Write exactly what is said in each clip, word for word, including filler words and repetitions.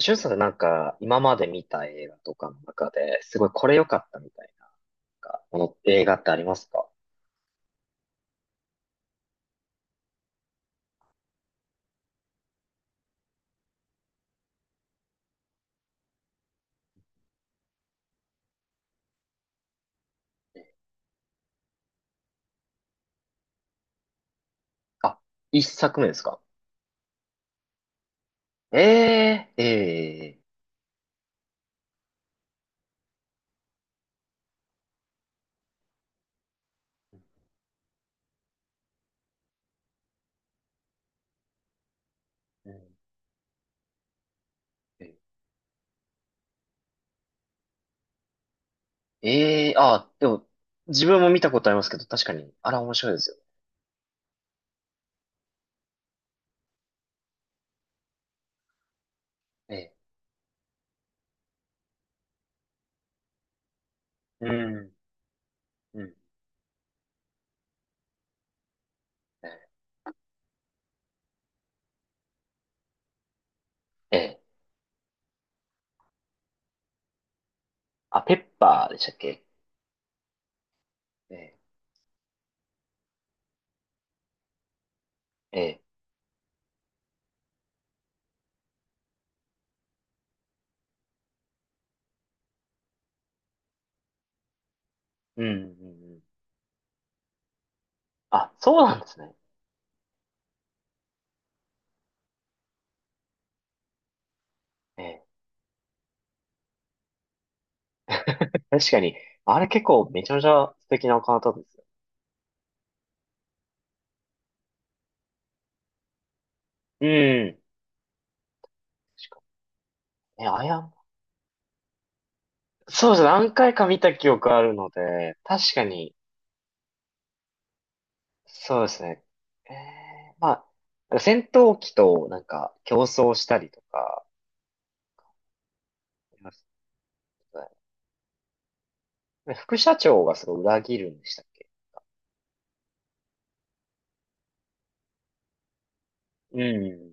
しゅんさんってなんか、今まで見た映画とかの中で、すごいこれ良かったみたいな、なんか、この映画ってありますか？あ、一作目ですか？えー、えー、うん。えー、えー、あ、でも、自分も見たことありますけど、確かに、あれ面白いですよ。えー、うん、うん、えー、えーあ、ペッパーでしたっけ？えー、えー、うん、うんうん、あ、そうなんですね。えー、確かに、あれ結構めちゃめちゃ素敵なお方ですよ。うん。確かにね、あやそうですね。何回か見た記憶あるので、確かに、そうですね。えー、まあ、なんか戦闘機となんか競争したりとか、ありますね。で副社長がすごい裏切るんでしたっけ？うん。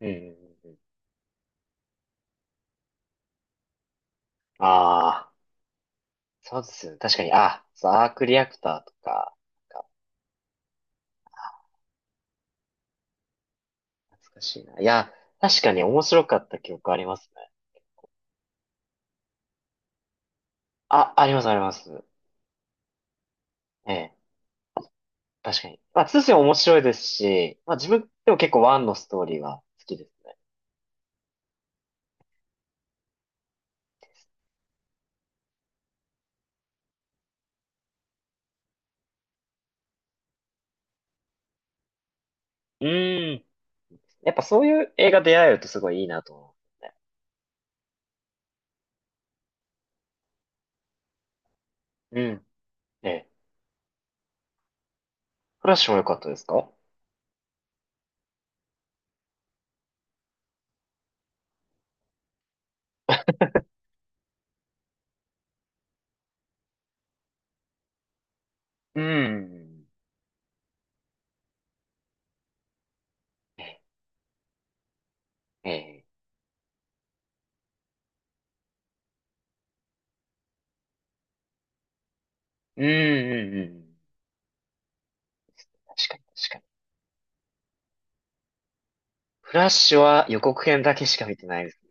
うん。うん。ああー、そうですよね。確かに、あ、そうアークリアクターとか、なんか懐かしいな。いや、確かに面白かった記憶ありますね。あ、あります、あります。ええ、確かに。まあ、にも面白いですし、まあ自分でも結構いちのストーリーは好きですね。うーん。やっぱそういう映画出会えるとすごいいいなと思うね。うん。ええ。フラッシュも良かったですか？うん。ええ。うんうんうん。確かに確かに。フラッシュは予告編だけしか見てないですね。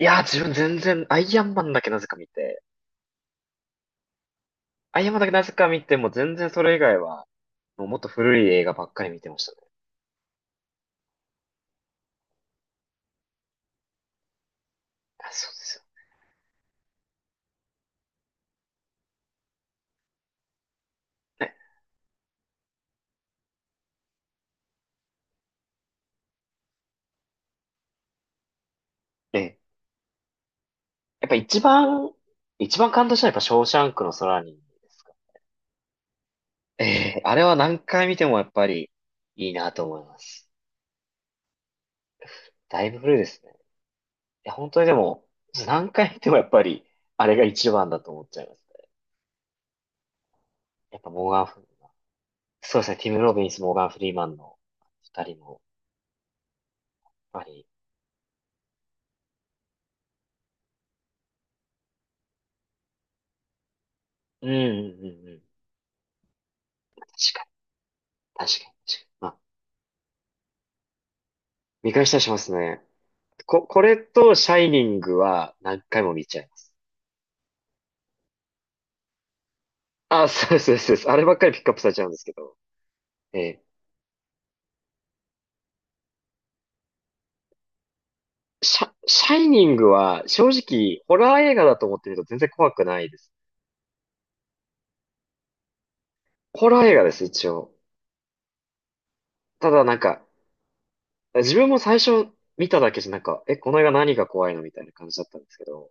いやー、自分全然、アイアンマンだけなぜか見て、アイアンマンだけなぜか見て、もう全然それ以外は、もうもっと古い映画ばっかり見てましたね。あ、そうですよね。ええ。やっぱ一番、一番感動したのはやっぱショーシャンクの空にですかね。ええ、あれは何回見てもやっぱりいいなと思います。だいぶ古いですね。いや、本当にでも、何回見てもやっぱり、あれが一番だと思っちゃいますね。やっぱモーガンフリーマン。そうですね、ティム・ロビンス、モーガン・フリーマンの二人も、やっぱり、うんうんうんうん。確かに、確かに、確かに。まあ、見返したりしますね。こ、これと、シャイニングは何回も見ちゃいます。あ、そうです、そうです。そうですあればっかりピックアップされちゃうんですけど。ええ。シャ、シャイニングは正直ホラー映画だと思ってみると全然怖くないです。ホラー映画です、一応。ただなんか、自分も最初見ただけじゃなんか、え、この映画何が怖いのみたいな感じだったんですけど、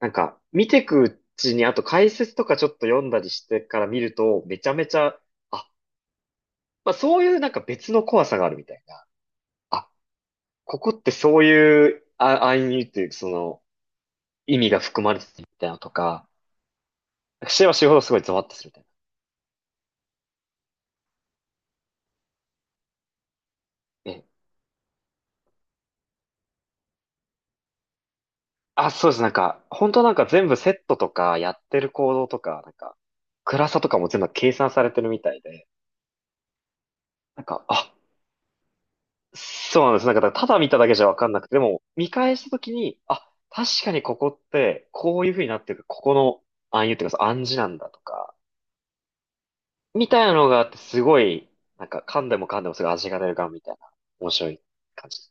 なんか、見てくうちに、あと解説とかちょっと読んだりしてから見ると、めちゃめちゃ、あ、まあそういうなんか別の怖さがあるみたいな。あ、ここってそういうあ暗意味という、その、意味が含まれてるみたいなのとか、知れば知るほどすごいゾワッとするみたいな。え、あ、そうです。なんか、本当なんか全部セットとか、やってる行動とか、なんか、暗さとかも全部計算されてるみたいで、なんか、あ、そうなんです。なんか、ただ見ただけじゃわかんなくて、でも、見返したときに、あ、確かにここって、こういう風になってる、ここの暗喩っていうか、暗示なんだとか、みたいなのがあって、すごい、なんか、噛んでも噛んでもすごい味が出るガンみたいな、面白い感じ。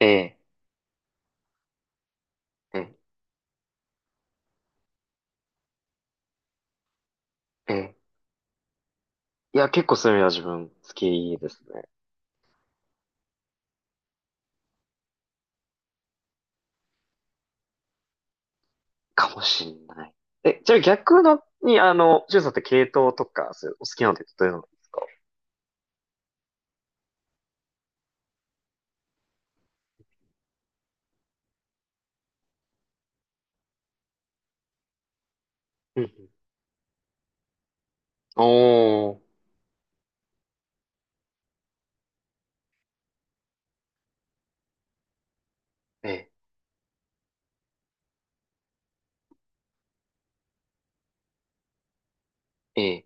ええ、ええ、ええ。いや、結構そういうのは自分好きですね。かもしんない。え、じゃあ逆のに、あの、ジュンさんって系統とか、そういうお好きなのってどういうのですか？うんうん、おー、え、え、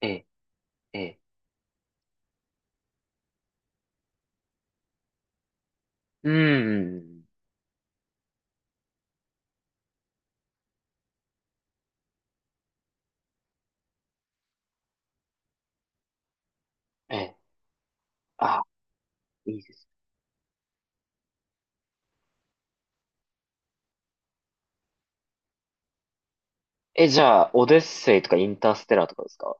え、え、うん、え、あ、いいです。え、じゃあ、オデッセイとかインターステラーとかですか？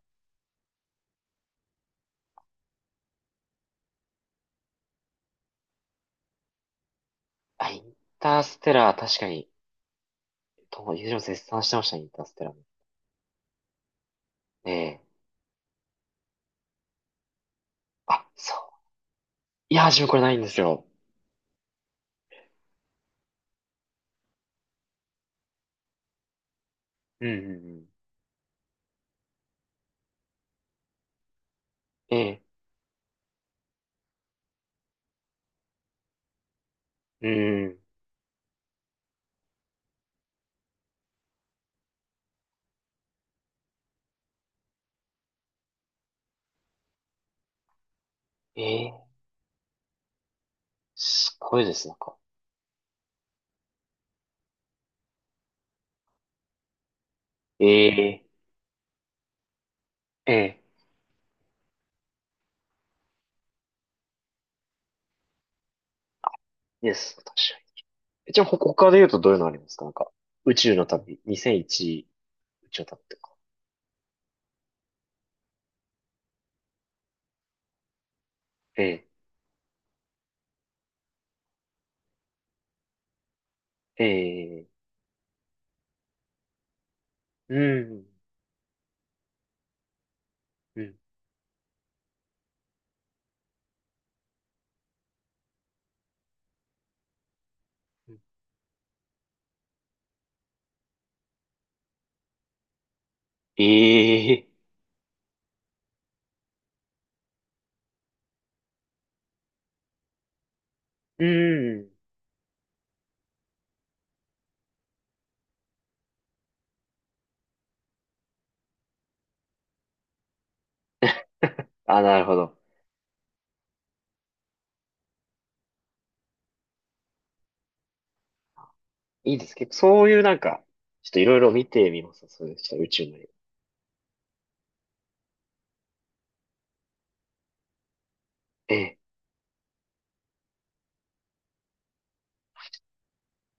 あ、インターステラー、確かに、とも、ゆう絶賛してました、インターステラーも。ええ、あ、そう。いや、自分これないんですよ。うん、うん、うん。ええ、うんうん、ええ、すごいです、なんか。ええ、ええ。です。確かに。じゃあ、ほ他で言うとどういうのありますか？なんか、宇宙の旅、にせんいち宇宙の旅とか。ええ、ええ、うん、うん、うん、ええ、うん。あ、なるほど。いいです。結構そういうなんか、ちょっといろいろ見てみます。そういうちょっと宇宙の旅。ええ